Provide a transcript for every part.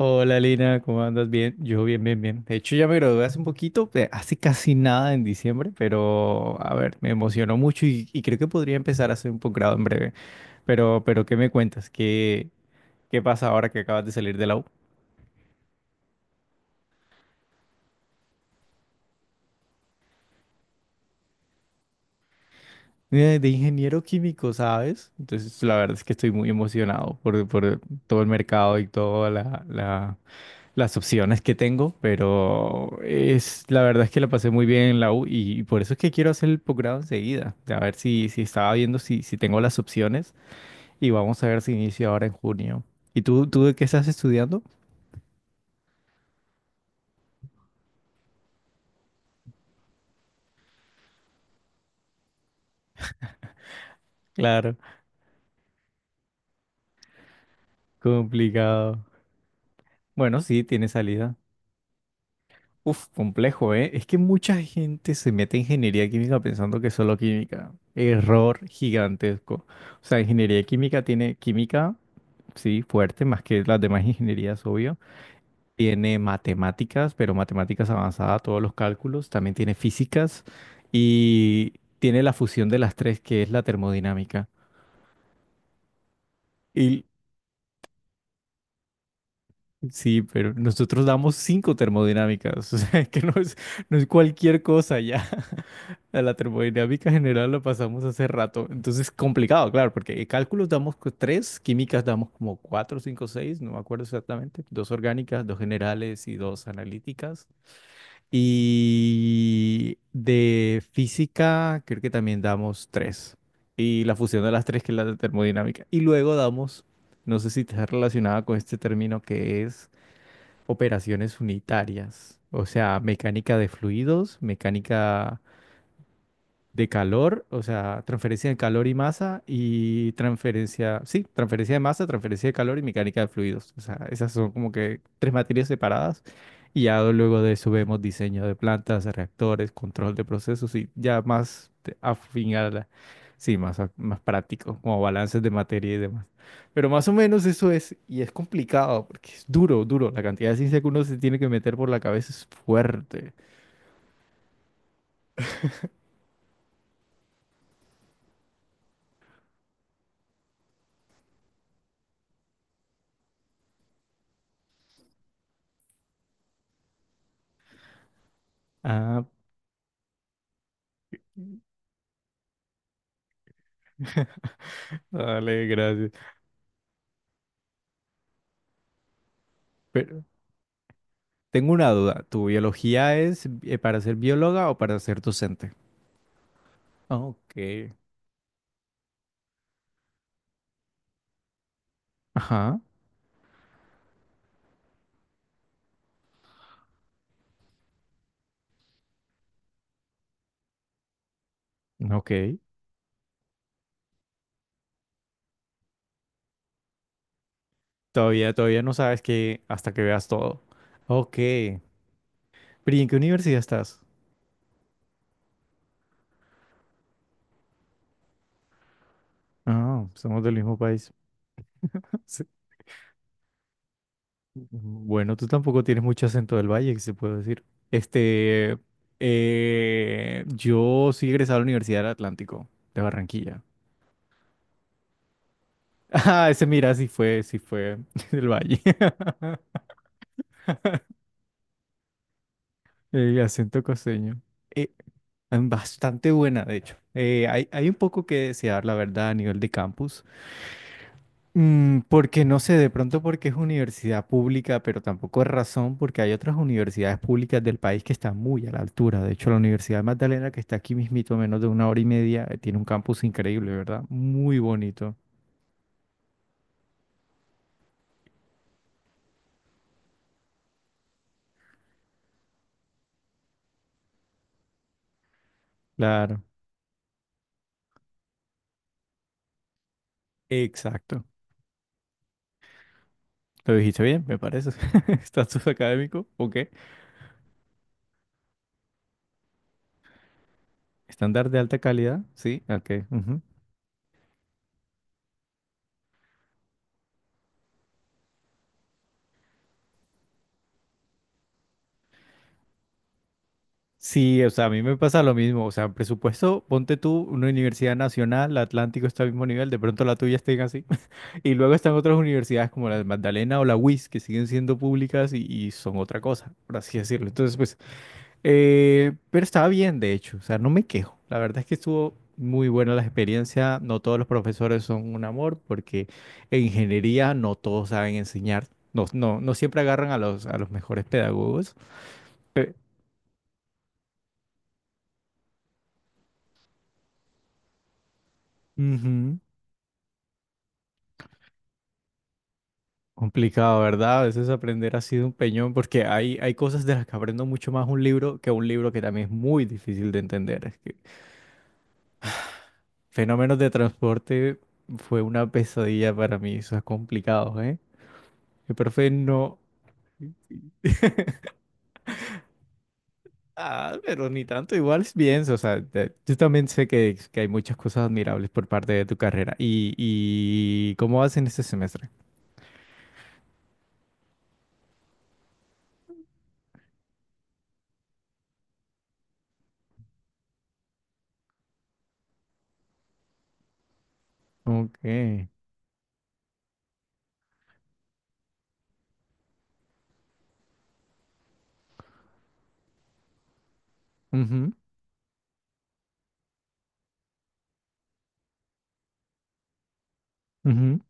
Hola Lina, ¿cómo andas? Bien, yo bien, bien. De hecho ya me gradué hace un poquito, hace casi nada en diciembre, pero a ver, me emocionó mucho y creo que podría empezar a hacer un posgrado en breve. Pero ¿qué me cuentas? ¿Qué pasa ahora que acabas de salir de la U? De ingeniero químico, ¿sabes? Entonces la verdad es que estoy muy emocionado por todo el mercado y toda las opciones que tengo, pero es la verdad es que la pasé muy bien en la U y por eso es que quiero hacer el posgrado enseguida. A ver si estaba viendo si tengo las opciones y vamos a ver si inicio ahora en junio. ¿Y tú de qué estás estudiando? Claro, complicado. Bueno, sí, tiene salida. Uf, complejo, ¿eh? Es que mucha gente se mete en ingeniería química pensando que es solo química. Error gigantesco. O sea, ingeniería química tiene química, sí, fuerte, más que las demás ingenierías, obvio. Tiene matemáticas, pero matemáticas avanzadas, todos los cálculos. También tiene físicas y tiene la fusión de las tres, que es la termodinámica. Y sí, pero nosotros damos cinco termodinámicas, o sea, que no es, no es cualquier cosa ya. A la termodinámica general la pasamos hace rato. Entonces, complicado, claro, porque cálculos damos cu- tres, químicas damos como cuatro, cinco, seis, no me acuerdo exactamente. Dos orgánicas, dos generales y dos analíticas. Y de física, creo que también damos tres. Y la fusión de las tres, que es la de termodinámica. Y luego damos, no sé si está relacionada con este término que es operaciones unitarias. O sea, mecánica de fluidos, mecánica de calor, o sea, transferencia de calor y masa y transferencia, sí, transferencia de masa, transferencia de calor y mecánica de fluidos. O sea, esas son como que tres materias separadas y ya luego de eso vemos diseño de plantas, reactores, control de procesos y ya más te- afín a la- sí, más, a- más práctico, como balances de materia y demás. Pero más o menos eso es, y es complicado porque es duro, duro. La cantidad de ciencia que uno se tiene que meter por la cabeza es fuerte. Ah, dale, gracias. Pero- Tengo una duda. ¿Tu biología es para ser bióloga o para ser docente? Ok. Ajá. Ok. Todavía no sabes que hasta que veas todo. Ok. ¿Pero y en qué universidad estás? Ah, somos del mismo país. Sí. Bueno, tú tampoco tienes mucho acento del valle, que se puede decir. Este, yo sí egresado a la Universidad del Atlántico, de Barranquilla. Ah, ese mira, sí fue del valle. El acento costeño. Bastante buena, de hecho. Hay un poco que desear, la verdad, a nivel de campus. Porque no sé, de pronto porque es universidad pública, pero tampoco es razón porque hay otras universidades públicas del país que están muy a la altura. De hecho, la Universidad de Magdalena, que está aquí mismito, a menos de una hora y media, tiene un campus increíble, ¿verdad? Muy bonito. Claro. Exacto. Lo dijiste bien, me parece. Estatus académico, ok. Estándar de alta calidad, sí, ok. Ujú. Sí, o sea, a mí me pasa lo mismo. O sea, presupuesto, ponte tú una universidad nacional, la Atlántico está al mismo nivel, de pronto la tuya estén así. Y luego están otras universidades como la de Magdalena o la UIS, que siguen siendo públicas y son otra cosa, por así decirlo. Entonces, pues, pero estaba bien, de hecho. O sea, no me quejo. La verdad es que estuvo muy buena la experiencia. No todos los profesores son un amor, porque en ingeniería no todos saben enseñar. No siempre agarran a a los mejores pedagogos. Ujú. Complicado, ¿verdad? A veces aprender ha sido un peñón porque hay cosas de las que aprendo mucho más un libro que también es muy difícil de entender. Es que fenómenos de transporte fue una pesadilla para mí, eso es complicado, ¿eh? El profe no... Ah, pero ni tanto, igual es bien, o sea, te- yo también sé que hay muchas cosas admirables por parte de tu carrera. Y cómo vas en este semestre? Ok. Ujú, ujú.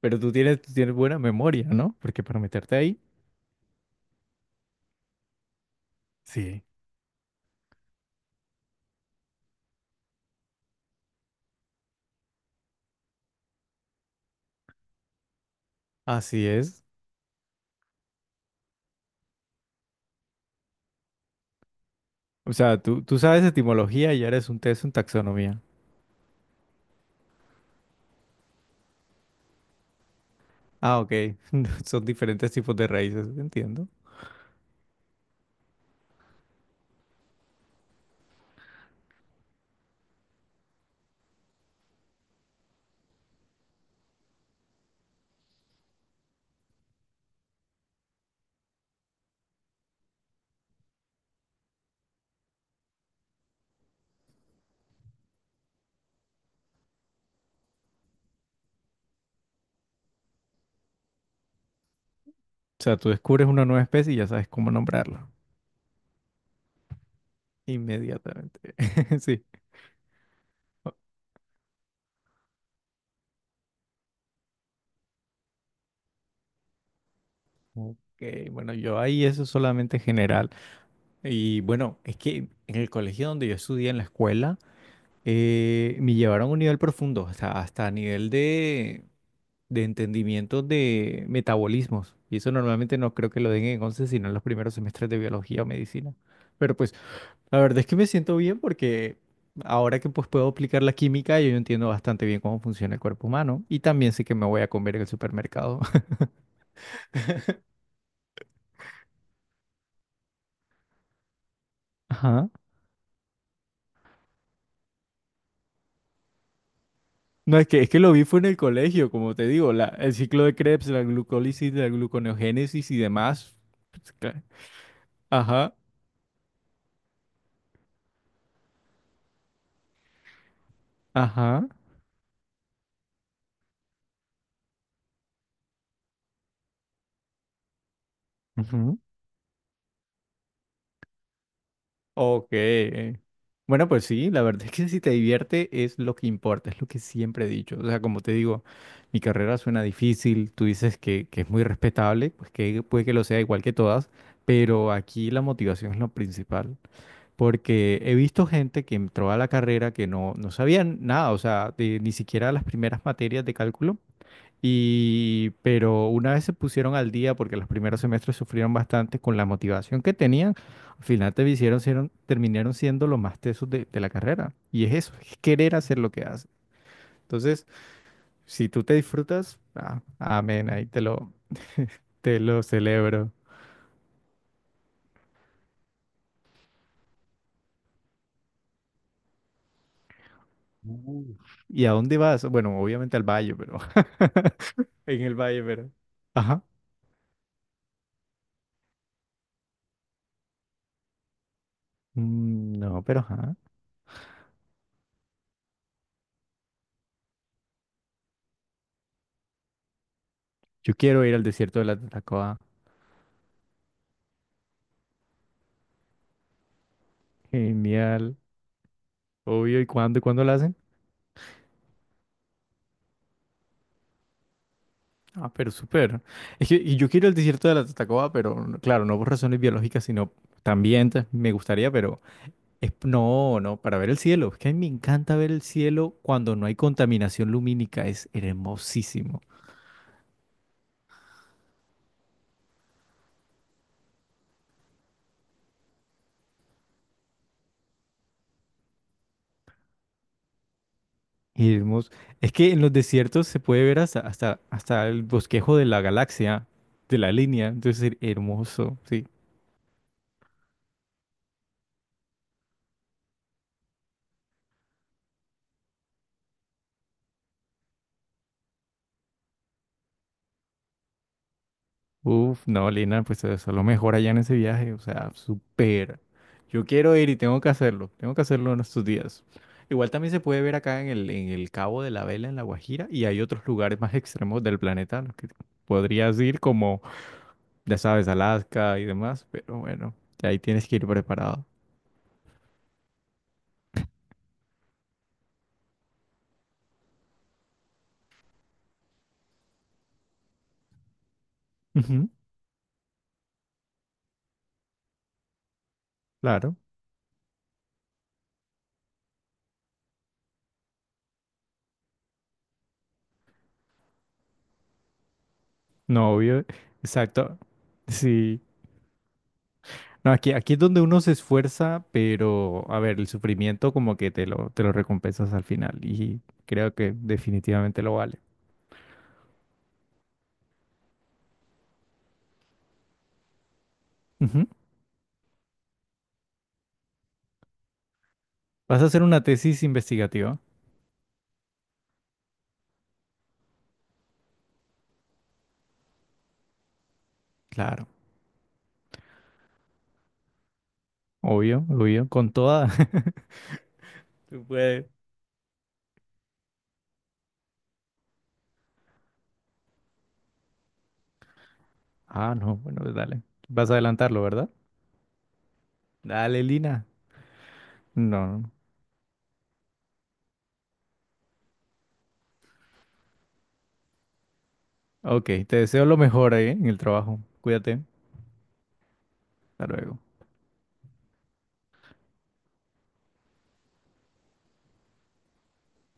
Pero tú tienes buena memoria, ¿no? Porque para meterte ahí... Sí. Así es. O sea, tú sabes etimología y eres un test en taxonomía. Ah, ok. Son diferentes tipos de raíces, entiendo. O sea, tú descubres una nueva especie y ya sabes cómo nombrarla inmediatamente. Sí. Ok, bueno, yo ahí eso es solamente general. Y bueno, es que en el colegio donde yo estudié, en la escuela, me llevaron a un nivel profundo, o sea, hasta a nivel de entendimiento de metabolismos. Y eso normalmente no creo que lo den en 11 sino en los primeros semestres de biología o medicina. Pero pues la verdad es que me siento bien porque ahora que pues puedo aplicar la química, yo entiendo bastante bien cómo funciona el cuerpo humano y también sé que me voy a comer en el supermercado. Ajá. No, es que lo vi fue en el colegio, como te digo, el ciclo de Krebs, la glucólisis, la gluconeogénesis y demás. Pues, claro. Ajá, ajá. Ok. Bueno, pues sí, la verdad es que si te divierte es lo que importa, es lo que siempre he dicho. O sea, como te digo, mi carrera suena difícil, tú dices que es muy respetable, pues que puede que lo sea igual que todas, pero aquí la motivación es lo principal, porque he visto gente que entró a la carrera que no, no sabían nada, o sea, de- ni siquiera las primeras materias de cálculo. Y, pero una vez se pusieron al día, porque los primeros semestres sufrieron bastante con la motivación que tenían, al final te hicieron, sieron- terminaron siendo los más tesos de la carrera. Y es eso, es querer hacer lo que haces. Entonces, si tú te disfrutas, ah, amén, ahí te lo, te lo celebro. Uf. ¿Y a dónde vas? Bueno, obviamente al valle, pero... En el valle, pero... Ajá. Mm, no, pero ajá. Yo quiero ir al desierto de la Tatacoa. Genial. Obvio, ¿y cuándo? ¿Y cuándo lo hacen? Ah, pero súper. Es que y yo quiero el desierto de la Tatacoa, pero claro, no por razones biológicas, sino también te- me gustaría, pero es, no, no, para ver el cielo. Es que a mí me encanta ver el cielo cuando no hay contaminación lumínica. Es hermosísimo. Hermoso. Es que en los desiertos se puede ver hasta el bosquejo de la galaxia, de la línea. Entonces, her- hermoso. Sí. Uf, no, Lina, pues eso es lo mejor allá en ese viaje, o sea, súper. Yo quiero ir y tengo que hacerlo en estos días. Igual también se puede ver acá en el Cabo de la Vela, en La Guajira, y hay otros lugares más extremos del planeta a los que podrías ir, como, ya sabes, Alaska y demás, pero bueno, ahí tienes que ir preparado. Ujú, claro, no, obvio, exacto. Sí. No, aquí es donde uno se esfuerza, pero a ver, el sufrimiento como que te lo recompensas al final y creo que definitivamente lo vale. Ujú. ¿Vas a hacer una tesis investigativa? Claro, obvio, con toda. Tú puedes. Ah, no, bueno, pues dale. Vas a adelantarlo, ¿verdad? Dale, Lina. No. Ok, te deseo lo mejor ahí en el trabajo. Cuídate. Hasta luego.